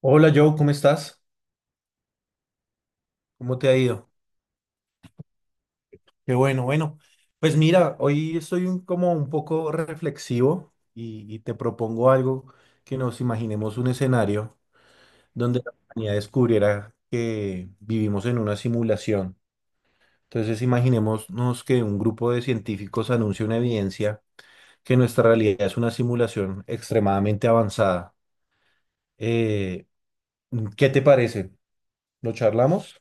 Hola Joe, ¿cómo estás? ¿Cómo te ha ido? Qué bueno, bueno. Pues mira, hoy estoy como un poco reflexivo y te propongo algo que nos imaginemos un escenario donde la humanidad descubriera que vivimos en una simulación. Entonces imaginémonos que un grupo de científicos anuncia una evidencia que nuestra realidad es una simulación extremadamente avanzada. Eh, ¿Qué te parece? ¿Lo charlamos?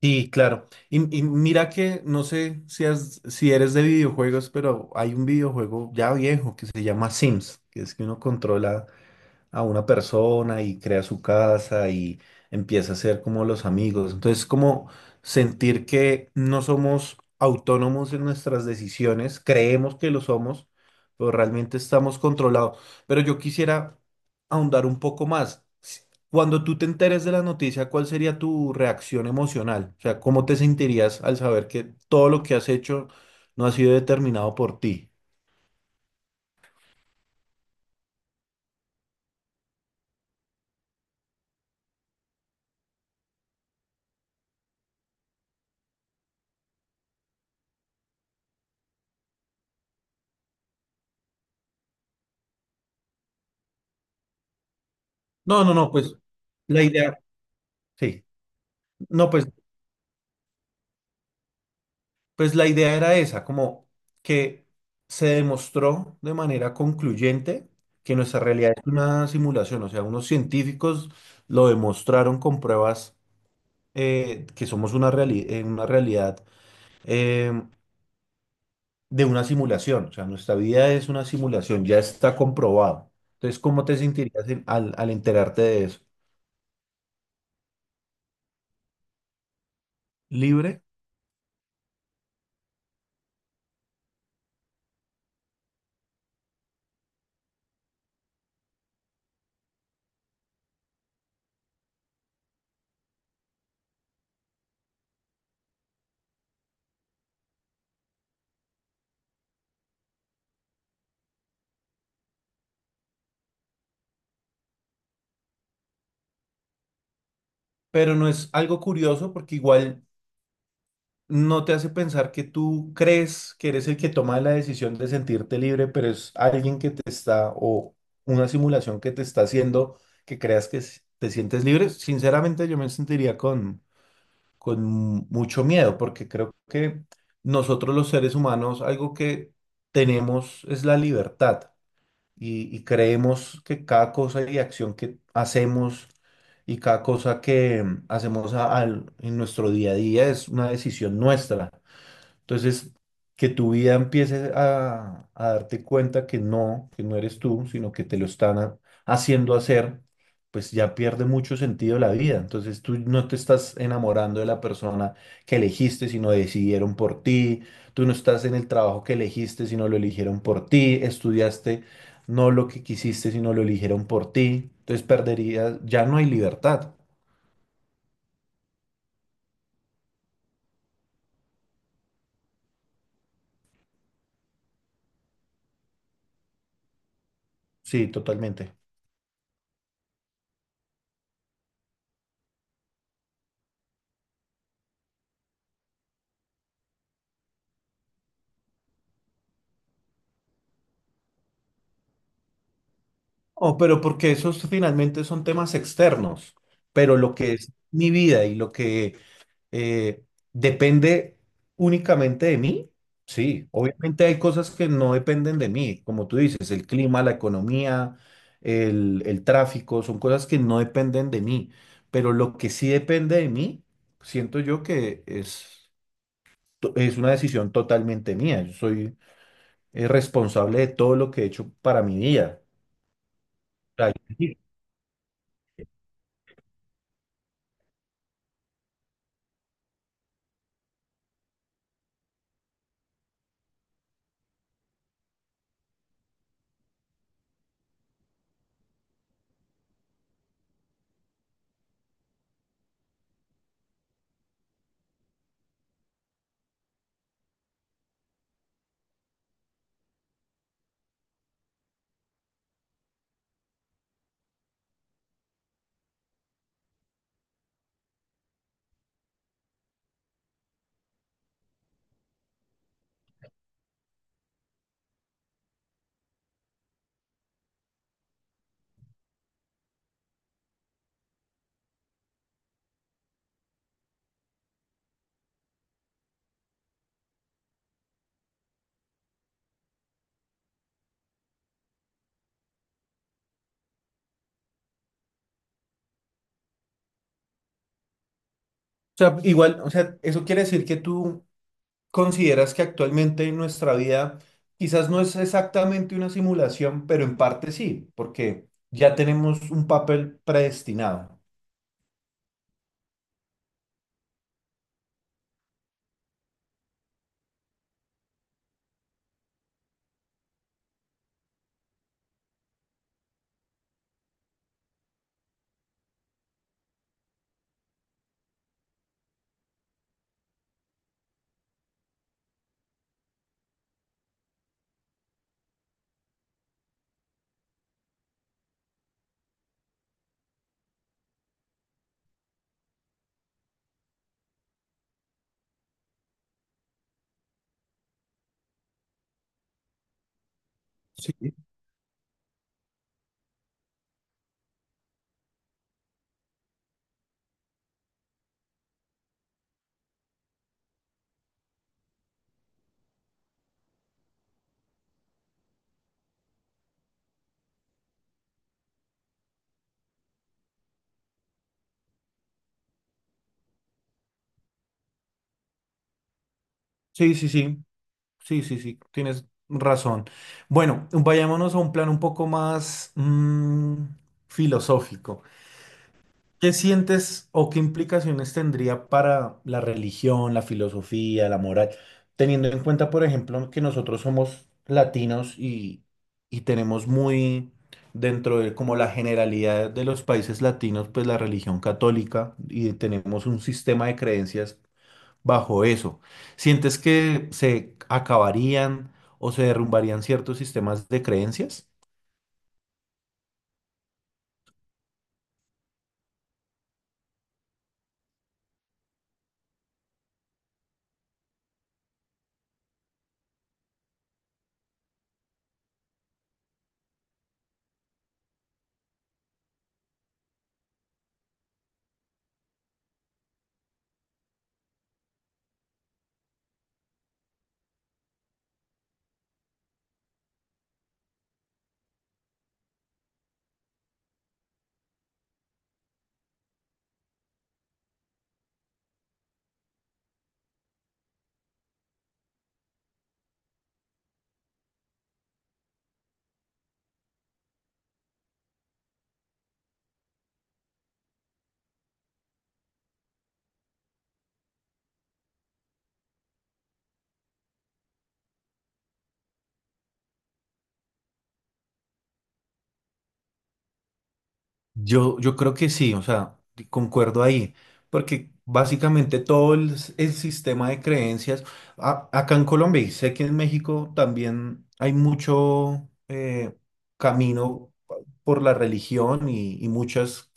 Sí, claro. Y mira que no sé si eres de videojuegos, pero hay un videojuego ya viejo que se llama Sims, que es que uno controla a una persona y crea su casa y empieza a ser como los amigos. Entonces, como sentir que no somos autónomos en nuestras decisiones, creemos que lo somos, pero realmente estamos controlados. Pero yo quisiera ahondar un poco más. Cuando tú te enteres de la noticia, ¿cuál sería tu reacción emocional? O sea, ¿cómo te sentirías al saber que todo lo que has hecho no ha sido determinado por ti? No, no, no, pues la idea, sí. No, pues pues la idea era esa, como que se demostró de manera concluyente que nuestra realidad es una simulación, o sea, unos científicos lo demostraron con pruebas que somos una realidad eh, de una simulación, o sea, nuestra vida es una simulación, ya está comprobado. Entonces, ¿cómo te sentirías al, al enterarte de eso? Libre, pero no es algo curioso porque igual no te hace pensar que tú crees que eres el que toma la decisión de sentirte libre, pero es alguien que te está, o una simulación que te está haciendo que creas que te sientes libre. Sinceramente, yo me sentiría con mucho miedo, porque creo que nosotros los seres humanos, algo que tenemos es la libertad y creemos que cada cosa y acción que hacemos y cada cosa que hacemos en nuestro día a día es una decisión nuestra. Entonces, que tu vida empiece a darte cuenta que no eres tú, sino que te lo están haciendo hacer, pues ya pierde mucho sentido la vida. Entonces, tú no te estás enamorando de la persona que elegiste, sino decidieron por ti. Tú no estás en el trabajo que elegiste, sino lo eligieron por ti. Estudiaste no lo que quisiste, sino lo eligieron por ti. Entonces, perderías, ya no hay libertad. Sí, totalmente. Oh, pero porque esos finalmente son temas externos, pero lo que es mi vida y lo que eh, depende únicamente de mí, sí, obviamente hay cosas que no dependen de mí, como tú dices, el clima, la economía, el tráfico, son cosas que no dependen de mí, pero lo que sí depende de mí, siento yo que es, es una decisión totalmente mía, yo soy responsable de todo lo que he hecho para mi vida. O sea, igual, o sea, eso quiere decir que tú consideras que actualmente en nuestra vida quizás no es exactamente una simulación, pero en parte sí, porque ya tenemos un papel predestinado. Sí, sí, sí, sí, sí, sí, sí, tienes razón. Bueno, vayámonos a un plan un poco más filosófico. ¿Qué sientes o qué implicaciones tendría para la religión, la filosofía, la moral, teniendo en cuenta, por ejemplo, que nosotros somos latinos y tenemos muy dentro de como la generalidad de los países latinos, pues la religión católica y tenemos un sistema de creencias bajo eso? ¿Sientes que se acabarían o se derrumbarían ciertos sistemas de creencias? Yo creo que sí, o sea, concuerdo ahí, porque básicamente todo el sistema de creencias, acá en Colombia y sé que en México también hay mucho camino por la religión y muchas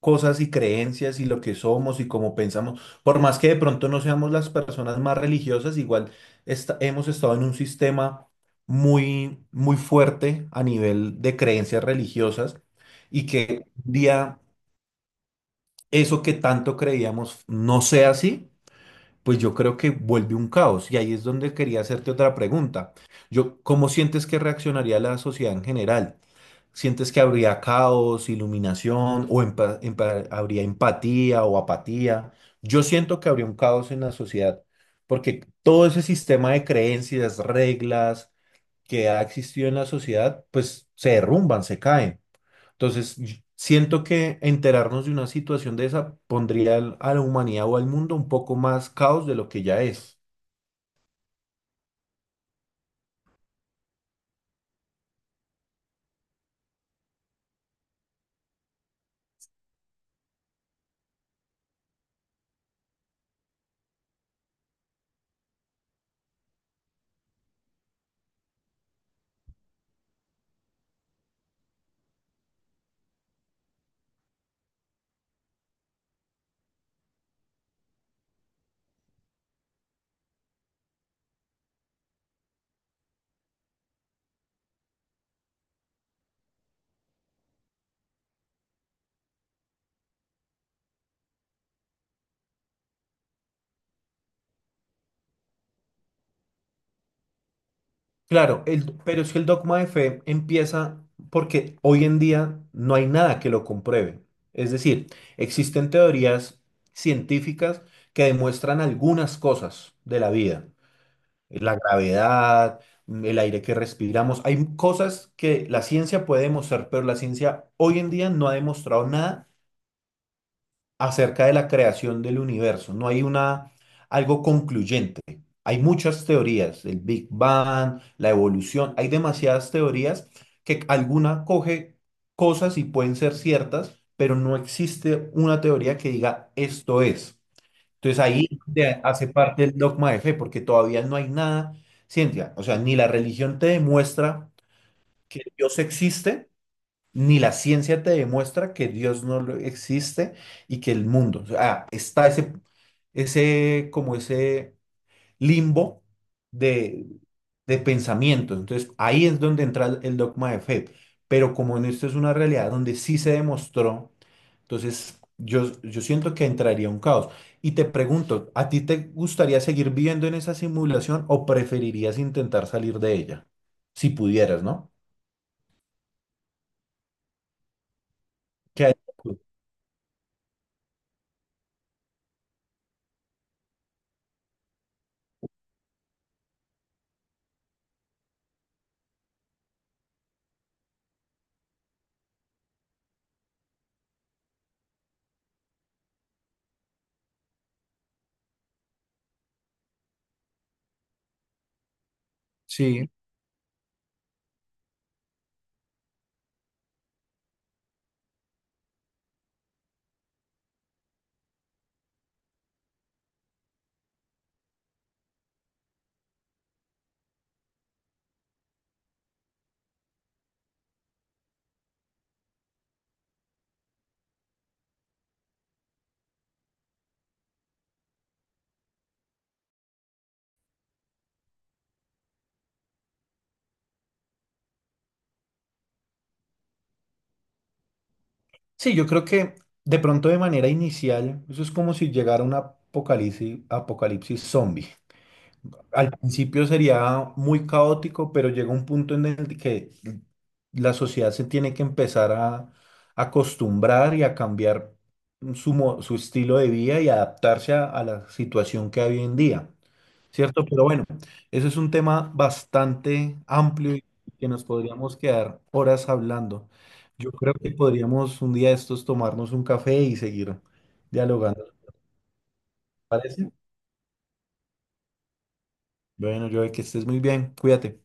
cosas y creencias y lo que somos y cómo pensamos. Por más que de pronto no seamos las personas más religiosas, igual hemos estado en un sistema muy, muy fuerte a nivel de creencias religiosas y que un día eso que tanto creíamos no sea así, pues yo creo que vuelve un caos. Y ahí es donde quería hacerte otra pregunta. Yo, ¿cómo sientes que reaccionaría la sociedad en general? ¿Sientes que habría caos, iluminación o habría empatía o apatía? Yo siento que habría un caos en la sociedad, porque todo ese sistema de creencias, reglas que ha existido en la sociedad, pues se derrumban, se caen. Entonces, siento que enterarnos de una situación de esa pondría a la humanidad o al mundo un poco más caos de lo que ya es. Claro, pero es que el dogma de fe empieza porque hoy en día no hay nada que lo compruebe. Es decir, existen teorías científicas que demuestran algunas cosas de la vida, la gravedad, el aire que respiramos. Hay cosas que la ciencia puede demostrar, pero la ciencia hoy en día no ha demostrado nada acerca de la creación del universo. No hay una, algo concluyente. Hay muchas teorías, el Big Bang, la evolución, hay demasiadas teorías que alguna coge cosas y pueden ser ciertas, pero no existe una teoría que diga esto es. Entonces ahí es donde hace parte el dogma de fe, porque todavía no hay nada, ciencia, o sea, ni la religión te demuestra que Dios existe, ni la ciencia te demuestra que Dios no lo- existe y que el mundo, o sea, está ese, ese, como ese limbo de, de pensamiento. Entonces, ahí es donde entra el dogma de fe. Pero como en esto es una realidad donde sí se demostró, entonces yo siento que entraría un caos. Y te pregunto, ¿a ti te gustaría seguir viviendo en esa simulación o preferirías intentar salir de ella? Si pudieras, ¿no? ¿Qué harías tú? Sí, sí, yo creo que de pronto de manera inicial, eso es como si llegara un apocalipsis, apocalipsis zombie. Al principio sería muy caótico, pero llega un punto en el que la sociedad se tiene que empezar a acostumbrar y a cambiar su, su estilo de vida y adaptarse a la situación que hay hoy en día. ¿Cierto? Pero bueno, eso es un tema bastante amplio y que nos podríamos quedar horas hablando. Yo creo que podríamos un día de estos tomarnos un café y seguir dialogando, ¿te parece? Bueno, yo que estés muy bien, cuídate.